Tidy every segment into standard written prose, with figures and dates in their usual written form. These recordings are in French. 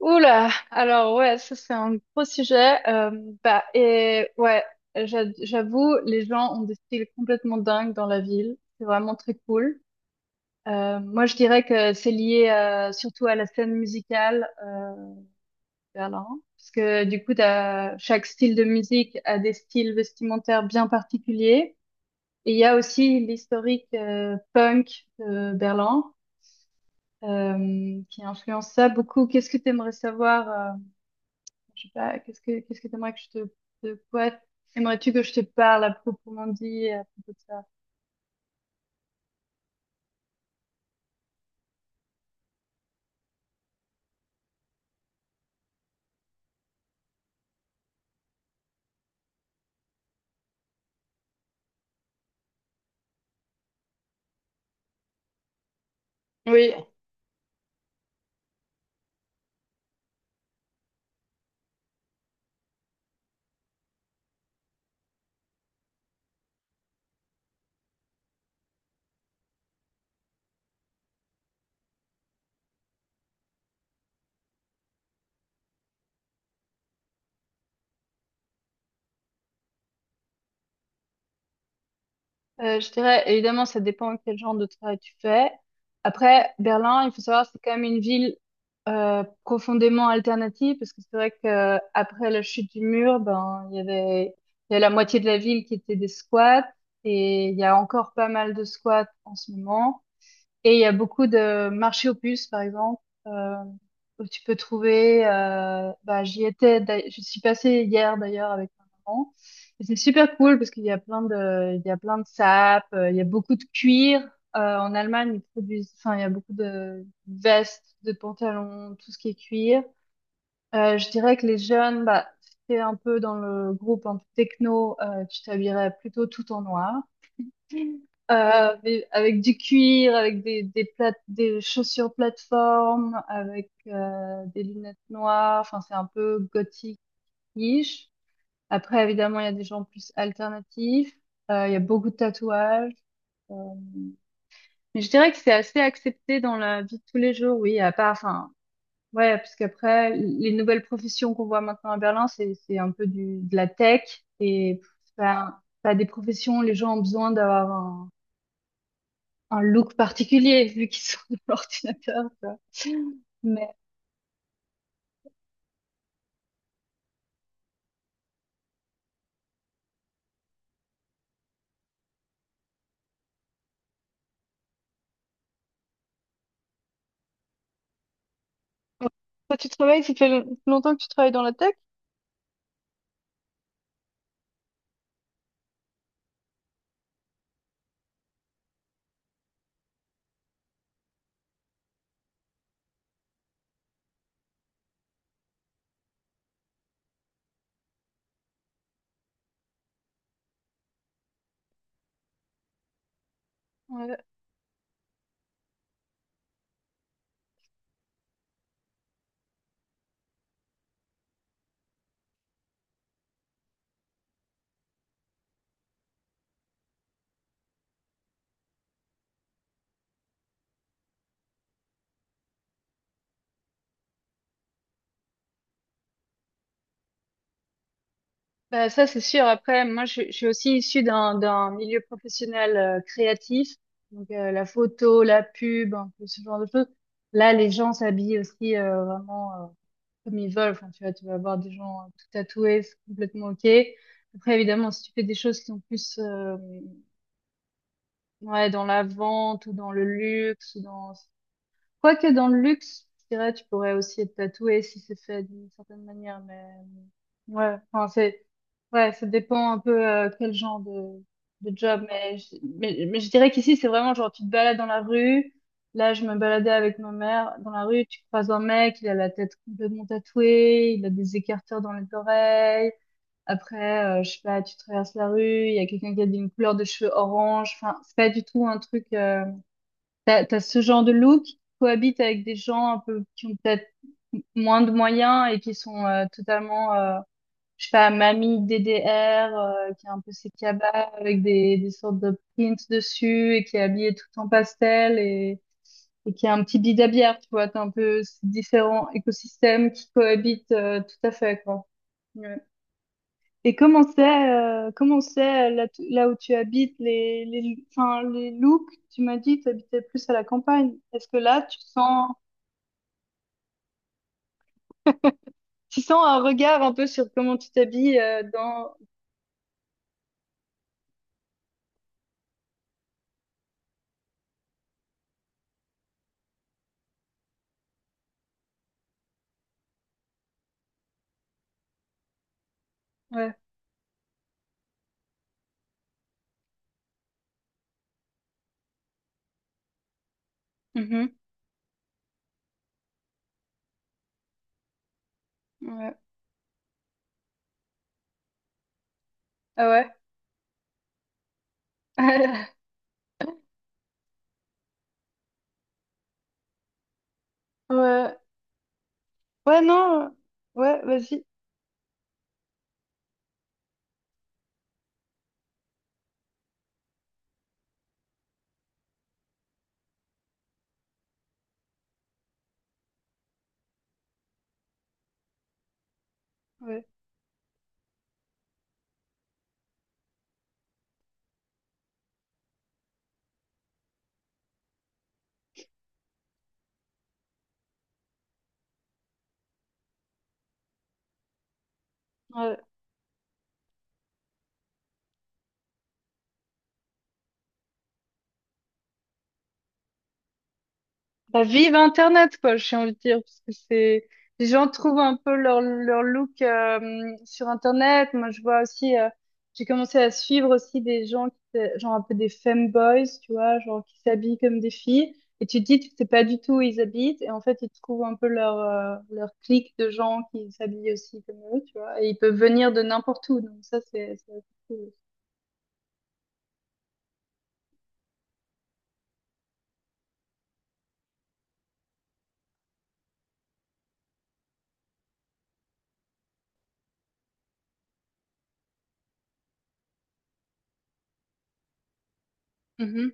Oula, alors ouais, ça c'est un gros sujet. Bah et ouais, j'avoue, les gens ont des styles complètement dingues dans la ville. C'est vraiment très cool. Moi, je dirais que c'est lié surtout à la scène musicale de Berlin, parce que du coup, chaque style de musique a des styles vestimentaires bien particuliers. Et il y a aussi l'historique punk de Berlin qui influence ça beaucoup. Qu'est-ce que tu aimerais savoir? Je sais pas, qu'est-ce que t'aimerais que je te de quoi aimerais-tu que je te parle à proprement dit à propos de ça? Oui, je dirais évidemment ça dépend quel genre de travail tu fais. Après, Berlin, il faut savoir c'est quand même une ville profondément alternative, parce que c'est vrai que après la chute du mur, ben il y a la moitié de la ville qui était des squats, et il y a encore pas mal de squats en ce moment. Et il y a beaucoup de marchés aux puces, par exemple, euh, où tu peux trouver. Bah, j'y étais, je suis passée hier d'ailleurs avec ma maman. Et c'est super cool parce qu'il y a plein de sapes, il y a beaucoup de cuir. En Allemagne, ils produisent, enfin, il y a beaucoup de vestes, de pantalons, tout ce qui est cuir. Je dirais que les jeunes, bah, si t'es un peu dans le groupe un peu techno, tu t'habillerais plutôt tout en noir. Avec du cuir, avec des chaussures plateforme, avec des lunettes noires. Enfin, c'est un peu gothique-ish. Après, évidemment, il y a des gens plus alternatifs. Il y a beaucoup de tatouages. Euh, Mais je dirais que c'est assez accepté dans la vie de tous les jours, oui. À part, enfin, ouais, parce qu'après, les nouvelles professions qu'on voit maintenant à Berlin, c'est un peu du de la tech, et c'est pas des professions où les gens ont besoin d'avoir un look particulier vu qu'ils sont de l'ordinateur. Tu Mais Ouais. Toi, tu travailles, ça fait longtemps que tu travailles dans la tech? Ouais, bah ça c'est sûr. Après, moi je suis aussi issue d'un milieu professionnel créatif, donc la photo, la pub, un peu ce genre de choses. Là, les gens s'habillent aussi vraiment comme ils veulent. Enfin, tu vois, tu vas avoir des gens tout tatoués, c'est complètement ok. Après, évidemment, si tu fais des choses qui sont plus ouais, dans la vente ou dans le luxe ou dans Quoique dans le luxe, je dirais, tu pourrais aussi être tatoué si c'est fait d'une certaine manière, mais ouais, enfin, c'est, ouais, ça dépend un peu quel genre de job, mais je dirais qu'ici, c'est vraiment genre, tu te balades dans la rue, là, je me baladais avec ma mère dans la rue, tu croises un mec, il a la tête complètement tatouée, il a des écarteurs dans les oreilles, après, je sais pas, tu traverses la rue, il y a quelqu'un qui a une couleur de cheveux orange, enfin, c'est pas du tout un truc, t'as ce genre de look qui cohabite avec des gens un peu qui ont peut-être moins de moyens et qui sont totalement, je sais pas, mamie DDR, qui a un peu ses cabas avec des sortes de prints dessus et qui est habillée tout en pastel et qui a un petit bidabière, tu vois. T'as un peu ces différents écosystèmes qui cohabitent tout à fait, quoi. Ouais. Et comment c'est, là, là où tu habites, enfin, les looks, tu m'as dit que tu habitais plus à la campagne. Est-ce que là, tu sens un regard un peu sur comment tu t'habilles dans... Ouais. Mhm. Ouais. Ah ouais. Ouais. Ouais, non. Ouais, vas-y. Ouais. Ouais. Bah, vive Internet, quoi, j'ai envie de dire, parce que c'est, les gens trouvent un peu leur look sur Internet. Moi, je vois aussi, j'ai commencé à suivre aussi des gens genre un peu des femboys, tu vois, genre qui s'habillent comme des filles. Et tu te dis, tu sais pas du tout où ils habitent, et en fait, ils trouvent un peu leur, leur clique de gens qui s'habillent aussi comme eux, tu vois, et ils peuvent venir de n'importe où, donc ça, c'est assez cool.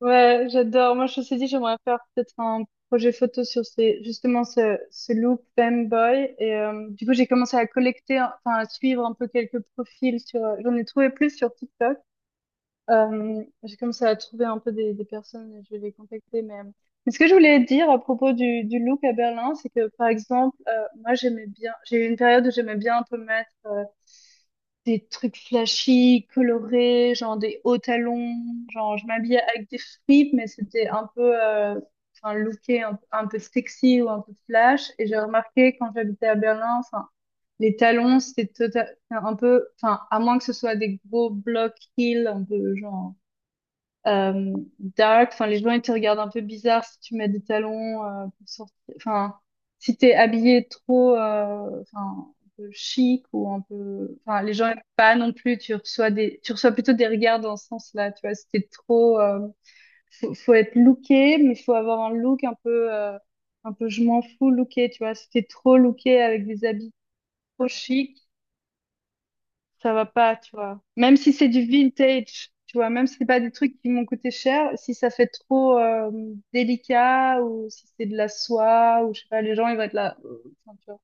Ouais, j'adore. Moi, je me suis dit, j'aimerais faire peut-être un projet photo sur justement, ce look femboy. Et du coup, j'ai commencé à collecter, enfin, à suivre un peu quelques profils sur, j'en ai trouvé plus sur TikTok. J'ai commencé à trouver un peu des personnes et je vais les contacter. Mais ce que je voulais dire à propos du look à Berlin, c'est que, par exemple, moi, j'aimais bien, j'ai eu une période où j'aimais bien un peu mettre des trucs flashy, colorés, genre des hauts talons, genre je m'habillais avec des fripes, mais c'était un peu, enfin, looké un peu sexy ou un peu flash. Et j'ai remarqué quand j'habitais à Berlin, enfin, les talons, c'était enfin, un peu, enfin, à moins que ce soit des gros blocs heels, un peu genre euh, dark. Enfin, les gens, ils te regardent un peu bizarre si tu mets des talons pour sortir. Enfin, si t'es habillé trop, enfin, un peu chic ou un peu. Enfin, les gens aiment pas non plus. Tu reçois tu reçois plutôt des regards dans ce sens-là. Tu vois, si t'es trop, faut être looké, mais faut avoir un look un peu je m'en fous looké. Tu vois, si t'es trop looké avec des habits trop chics, ça va pas, tu vois. Même si c'est du vintage, tu vois, même si c'est pas des trucs qui m'ont coûté cher, si ça fait trop délicat ou si c'est de la soie ou je sais pas, les gens ils vont être là. Enfin, tu vois.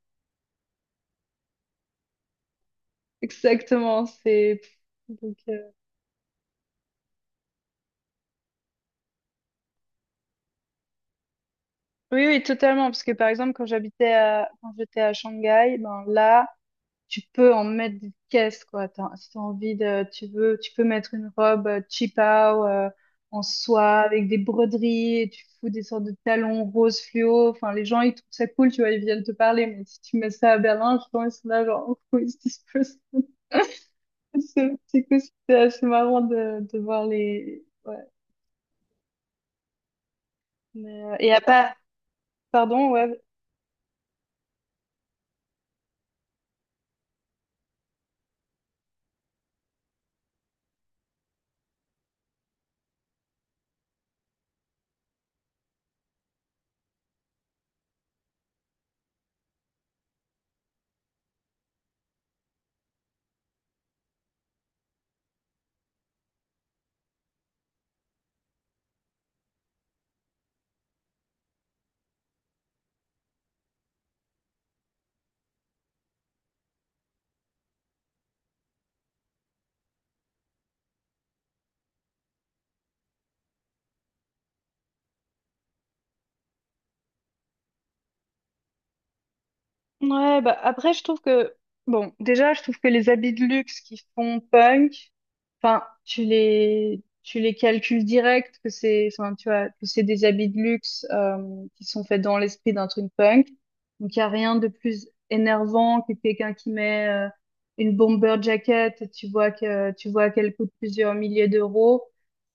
Exactement, c'est donc oui oui totalement, parce que par exemple quand j'étais à Shanghai, ben là tu peux en mettre des caisses, quoi. Si t'as envie de, tu veux, tu peux mettre une robe cheapao en soie avec des broderies et tu fous des sortes de talons roses fluo. Enfin, les gens, ils trouvent ça cool, tu vois, ils viennent te parler. Mais si tu mets ça à Berlin, je pense, ils sont là, genre, who is this person? C'est cool, c'est assez marrant de voir ouais. Et à part, pardon, ouais, ouais, bah après, bon, déjà, je trouve que les habits de luxe qui font punk, enfin, tu les calcules direct, que c'est, enfin, tu vois, que c'est des habits de luxe, qui sont faits dans l'esprit d'un truc punk. Donc, il n'y a rien de plus énervant que quelqu'un qui met, une bomber jacket et tu vois qu'elle coûte plusieurs milliers d'euros.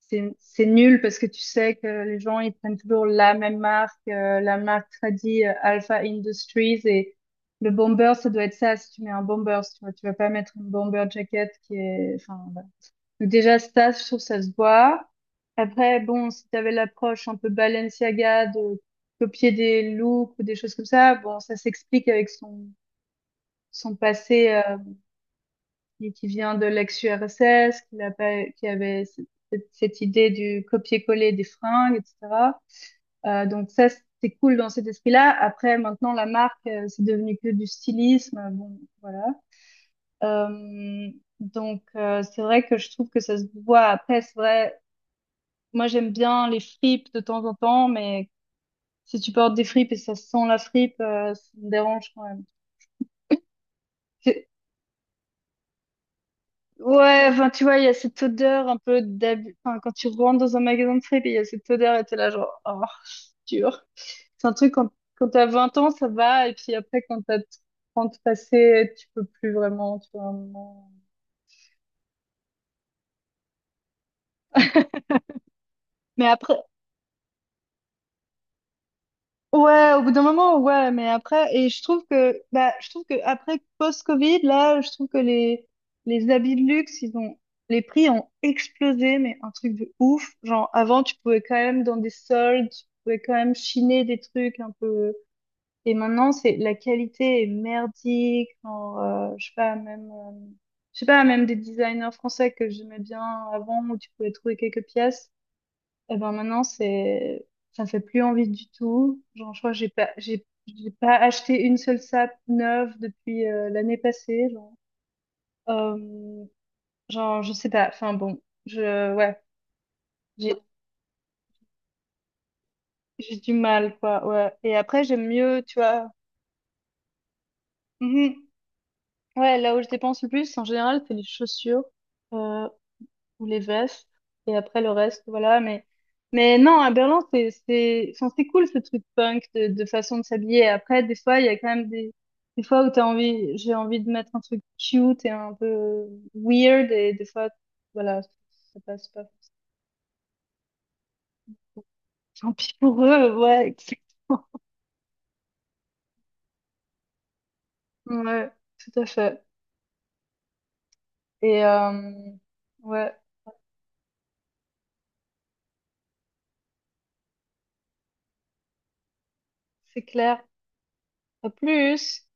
C'est nul parce que tu sais que les gens, ils prennent toujours la même marque, la marque tradie, Alpha Industries, et le bomber, ça doit être ça, si tu mets un bomber, si tu vois, tu vas pas mettre une bomber jacket qui est, enfin, voilà. Donc déjà, ça, je trouve ça se voit. Après, bon, si t'avais l'approche un peu Balenciaga de copier des looks ou des choses comme ça, bon, ça s'explique avec son passé, qui vient de l'ex-URSS, qu'il a pas, qui avait cette idée du copier-coller des fringues, etc. Donc ça, c'est cool dans cet esprit-là. Après, maintenant, la marque, c'est devenu que du stylisme. Bon, voilà. Euh, donc, c'est vrai que je trouve que ça se voit. Après, c'est vrai, moi, j'aime bien les fripes de temps en temps, mais si tu portes des fripes et ça sent la fripe, ça me dérange quand même. C'est- Ouais, enfin, tu vois, il y a cette odeur un peu d'abus. Enfin, quand tu rentres dans un magasin de fripes, il y a cette odeur et t'es là, genre, oh, c'est dur. C'est un truc, quand t'as 20 ans, ça va, et puis après, quand t'as 30 passé, tu peux plus vraiment, tu vois, à un moment. Mais après, ouais, au bout d'un moment, ouais, mais après, et bah, je trouve que après post-Covid, là, je trouve que les habits de luxe, ils ont, les prix ont explosé, mais un truc de ouf. Genre, avant, tu pouvais quand même, dans des soldes, tu pouvais quand même chiner des trucs un peu, et maintenant, c'est, la qualité est merdique, genre, je sais pas, même des designers français que j'aimais bien avant, où tu pouvais trouver quelques pièces, et ben maintenant, c'est, ça me fait plus envie du tout. Genre, je crois que j'ai pas acheté une seule sape neuve depuis l'année passée. Genre. Euh, genre, je sais pas. Enfin bon, ouais, j'ai, j'ai du mal, quoi. Ouais. Et après, j'aime mieux, tu vois. Mhm. Ouais, là où je dépense le plus, en général, c'est les chaussures. Euh, ou les vestes, et après le reste, voilà. Mais non, à Berlin, c'est enfin, c'est cool ce truc punk de façon de s'habiller. Après, des fois, il y a quand même des fois où t'as envie j'ai envie de mettre un truc cute et un peu weird, et des fois voilà, ça passe pas. Tant pis pour eux, ouais, exactement, ouais, tout à fait. Et ouais, c'est clair. À plus.